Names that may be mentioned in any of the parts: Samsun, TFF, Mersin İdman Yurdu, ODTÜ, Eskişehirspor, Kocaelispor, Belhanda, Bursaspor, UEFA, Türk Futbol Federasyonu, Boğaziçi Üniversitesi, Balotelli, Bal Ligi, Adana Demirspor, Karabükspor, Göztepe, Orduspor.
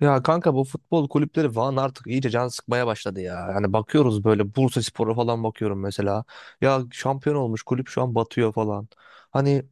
Ya kanka bu futbol kulüpleri falan artık iyice can sıkmaya başladı ya. Yani bakıyoruz böyle Bursaspor'a falan bakıyorum mesela. Ya şampiyon olmuş kulüp şu an batıyor falan. Hani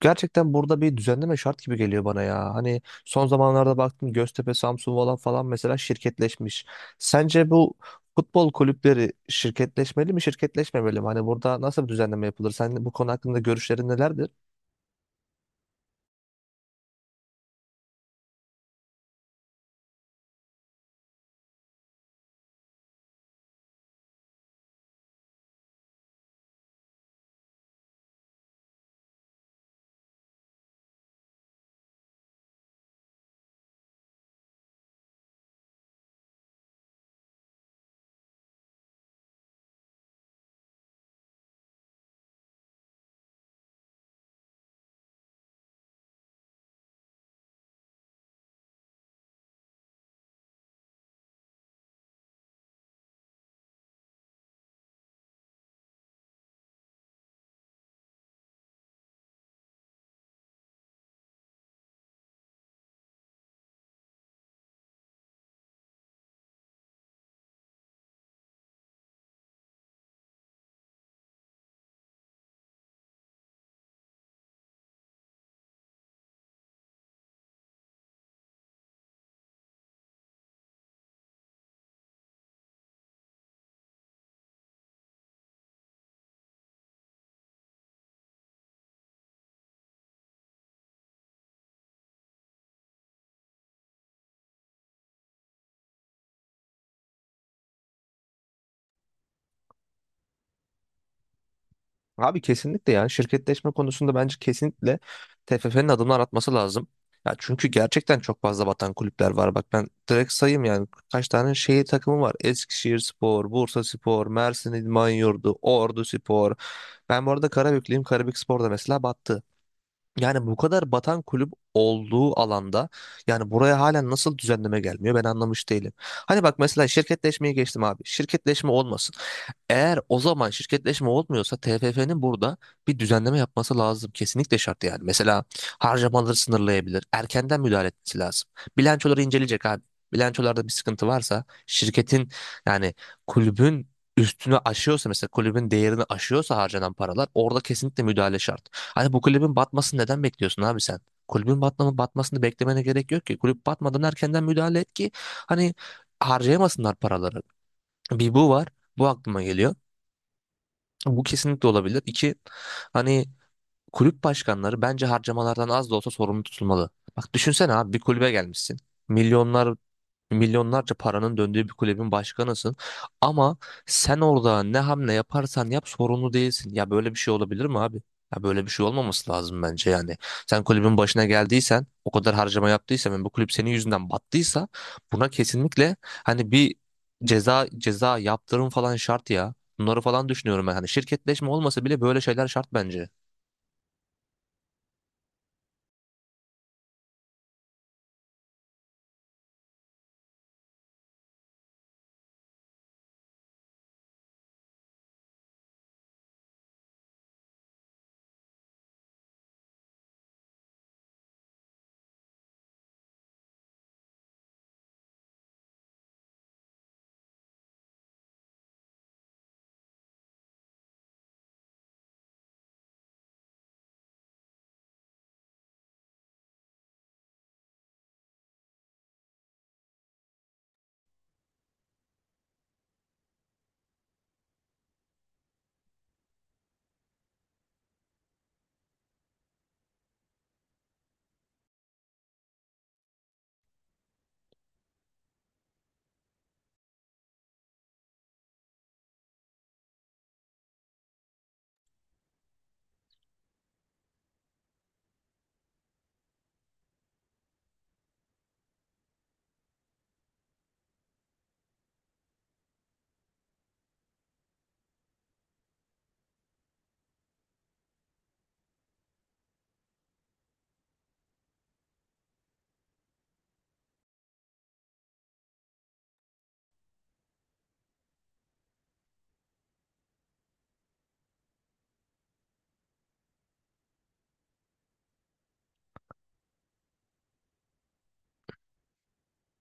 gerçekten burada bir düzenleme şart gibi geliyor bana ya. Hani son zamanlarda baktım Göztepe, Samsun falan mesela şirketleşmiş. Sence bu futbol kulüpleri şirketleşmeli mi, şirketleşmemeli mi? Hani burada nasıl bir düzenleme yapılır? Sen bu konu hakkında görüşlerin nelerdir? Abi kesinlikle ya şirketleşme konusunda bence kesinlikle TFF'nin adımlar atması lazım. Ya çünkü gerçekten çok fazla batan kulüpler var. Bak ben direkt sayayım yani kaç tane şehir takımı var. Eskişehirspor, Bursaspor, Mersin İdman Yurdu, Orduspor. Ben bu arada Karabüklüyüm. Karabükspor da mesela battı. Yani bu kadar batan kulüp olduğu alanda yani buraya halen nasıl düzenleme gelmiyor ben anlamış değilim. Hani bak mesela şirketleşmeyi geçtim abi. Şirketleşme olmasın. Eğer o zaman şirketleşme olmuyorsa TFF'nin burada bir düzenleme yapması lazım. Kesinlikle şart yani. Mesela harcamaları sınırlayabilir. Erkenden müdahale etmesi lazım. Bilançoları inceleyecek abi. Bilançolarda bir sıkıntı varsa şirketin yani kulübün üstüne aşıyorsa mesela kulübün değerini aşıyorsa harcanan paralar orada kesinlikle müdahale şart. Hani bu kulübün batmasını neden bekliyorsun abi sen? Kulübün batmanı, batmasını beklemene gerek yok ki. Kulüp batmadan erkenden müdahale et ki hani harcayamasınlar paraları. Bir bu var. Bu aklıma geliyor. Bu kesinlikle olabilir. İki hani kulüp başkanları bence harcamalardan az da olsa sorumlu tutulmalı. Bak düşünsene abi bir kulübe gelmişsin. Milyonlar Milyonlarca paranın döndüğü bir kulübün başkanısın. Ama sen orada ne hamle yaparsan yap sorumlu değilsin. Ya böyle bir şey olabilir mi abi? Ya böyle bir şey olmaması lazım bence yani. Sen kulübün başına geldiysen, o kadar harcama yaptıysan ve bu kulüp senin yüzünden battıysa buna kesinlikle hani bir ceza yaptırım falan şart ya. Bunları falan düşünüyorum ben. Hani şirketleşme olmasa bile böyle şeyler şart bence.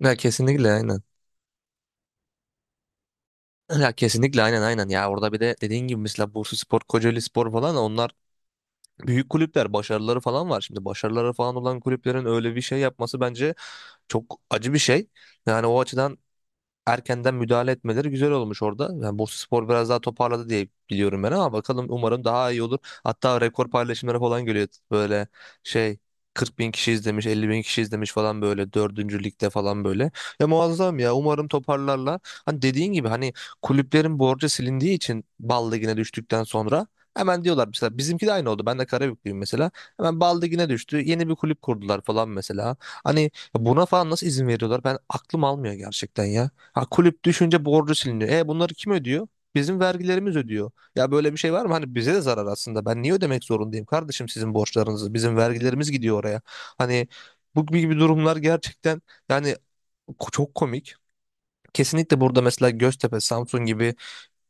Ya kesinlikle aynen. Ya kesinlikle aynen ya orada bir de dediğin gibi mesela Bursaspor, Kocaelispor falan onlar büyük kulüpler başarıları falan var. Şimdi başarıları falan olan kulüplerin öyle bir şey yapması bence çok acı bir şey. Yani o açıdan erkenden müdahale etmeleri güzel olmuş orada. Yani Bursaspor biraz daha toparladı diye biliyorum ben ama bakalım umarım daha iyi olur. Hatta rekor paylaşımları falan geliyor. Böyle şey 40 bin kişi izlemiş, 50 bin kişi izlemiş falan böyle dördüncü ligde falan böyle. Ya muazzam ya umarım toparlarlar. Hani dediğin gibi hani kulüplerin borcu silindiği için Bal Ligi'ne düştükten sonra hemen diyorlar mesela bizimki de aynı oldu. Ben de Karabüklüyüm mesela. Hemen Bal Ligi'ne düştü. Yeni bir kulüp kurdular falan mesela. Hani buna falan nasıl izin veriyorlar? Ben aklım almıyor gerçekten ya. Ha, kulüp düşünce borcu siliniyor. E bunları kim ödüyor? Bizim vergilerimiz ödüyor. Ya böyle bir şey var mı? Hani bize de zarar aslında. Ben niye ödemek zorundayım kardeşim sizin borçlarınızı? Bizim vergilerimiz gidiyor oraya. Hani bu gibi durumlar gerçekten yani çok komik. Kesinlikle burada mesela Göztepe, Samsun gibi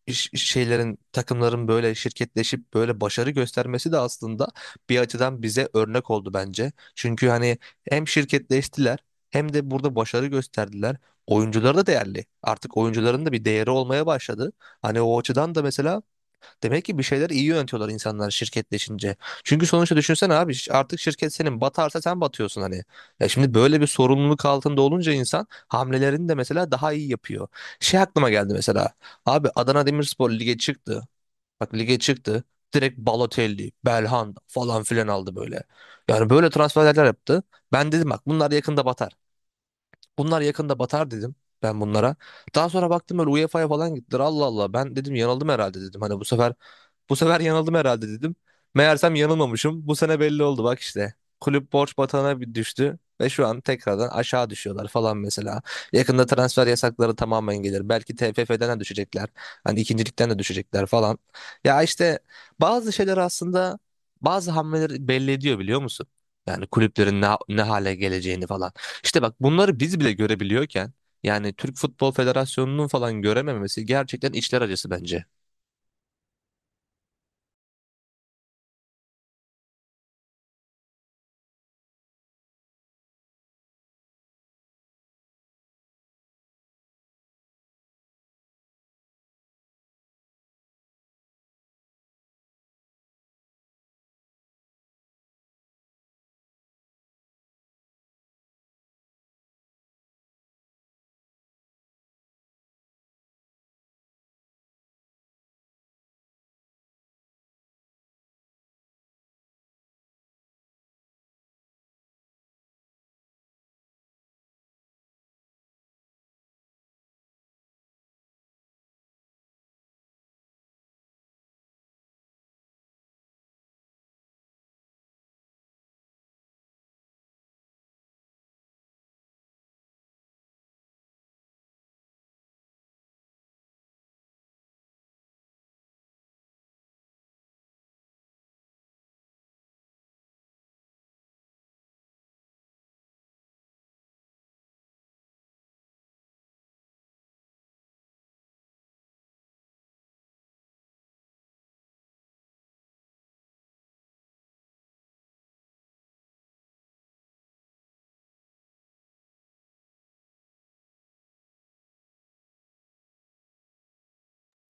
şeylerin takımların böyle şirketleşip böyle başarı göstermesi de aslında bir açıdan bize örnek oldu bence. Çünkü hani hem şirketleştiler hem de burada başarı gösterdiler. Oyuncular da değerli. Artık oyuncuların da bir değeri olmaya başladı. Hani o açıdan da mesela demek ki bir şeyler iyi yönetiyorlar insanlar şirketleşince. Çünkü sonuçta düşünsene abi artık şirket senin batarsa sen batıyorsun hani. Ya şimdi böyle bir sorumluluk altında olunca insan hamlelerini de mesela daha iyi yapıyor. Şey aklıma geldi mesela. Abi Adana Demirspor lige çıktı. Bak lige çıktı. Direkt Balotelli, Belhanda falan filan aldı böyle. Yani böyle transferler yaptı. Ben dedim bak bunlar yakında batar. Bunlar yakında batar dedim ben bunlara. Daha sonra baktım böyle UEFA'ya falan gittiler. Allah Allah ben dedim yanıldım herhalde dedim. Hani bu sefer yanıldım herhalde dedim. Meğersem yanılmamışım. Bu sene belli oldu bak işte. Kulüp borç batağına bir düştü ve şu an tekrardan aşağı düşüyorlar falan mesela. Yakında transfer yasakları tamamen gelir. Belki TFF'den de düşecekler. Hani ikincilikten de düşecekler falan. Ya işte bazı şeyler aslında bazı hamleleri belli ediyor biliyor musun? Yani kulüplerin ne, ne hale geleceğini falan. İşte bak bunları biz bile görebiliyorken yani Türk Futbol Federasyonu'nun falan görememesi gerçekten içler acısı bence.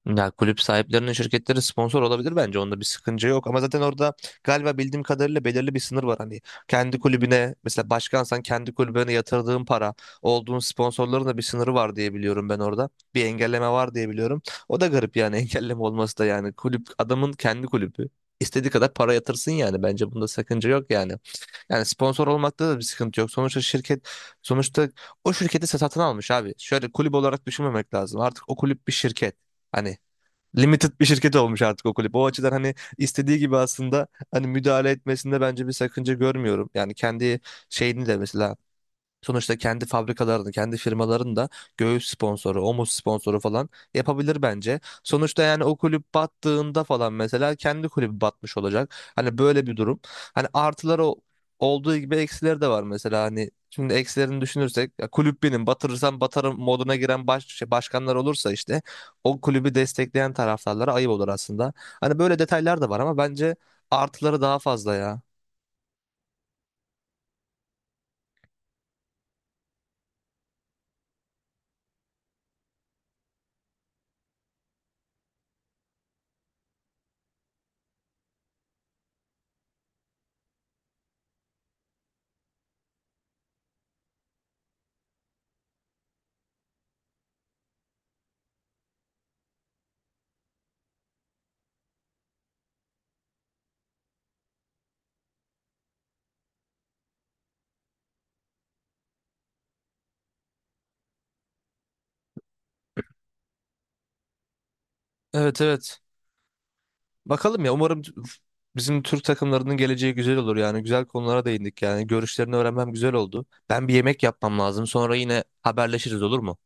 Ya kulüp sahiplerinin şirketleri sponsor olabilir bence onda bir sıkıntı yok ama zaten orada galiba bildiğim kadarıyla belirli bir sınır var hani kendi kulübüne mesela başkansan kendi kulübüne yatırdığın para olduğun sponsorların da bir sınırı var diye biliyorum ben orada bir engelleme var diye biliyorum o da garip yani engelleme olması da yani kulüp adamın kendi kulübü istediği kadar para yatırsın yani bence bunda sakınca yok yani. Yani sponsor olmakta da bir sıkıntı yok. Sonuçta o şirketi satın almış abi. Şöyle kulüp olarak düşünmemek lazım. Artık o kulüp bir şirket. Hani limited bir şirket olmuş artık o kulüp. O açıdan hani istediği gibi aslında hani müdahale etmesinde bence bir sakınca görmüyorum. Yani kendi şeyini de mesela sonuçta kendi fabrikalarını, kendi firmalarını da göğüs sponsoru, omuz sponsoru falan yapabilir bence. Sonuçta yani o kulüp battığında falan mesela kendi kulübü batmış olacak. Hani böyle bir durum. Hani artıları olduğu gibi eksileri de var mesela hani şimdi eksilerini düşünürsek ya kulüp benim batırırsam batarım moduna giren başkanlar olursa işte o kulübü destekleyen taraftarlara ayıp olur aslında. Hani böyle detaylar da var ama bence artıları daha fazla ya. Evet, evet, bakalım ya umarım bizim Türk takımlarının geleceği güzel olur yani güzel konulara değindik yani görüşlerini öğrenmem güzel oldu. Ben bir yemek yapmam lazım sonra yine haberleşiriz olur mu?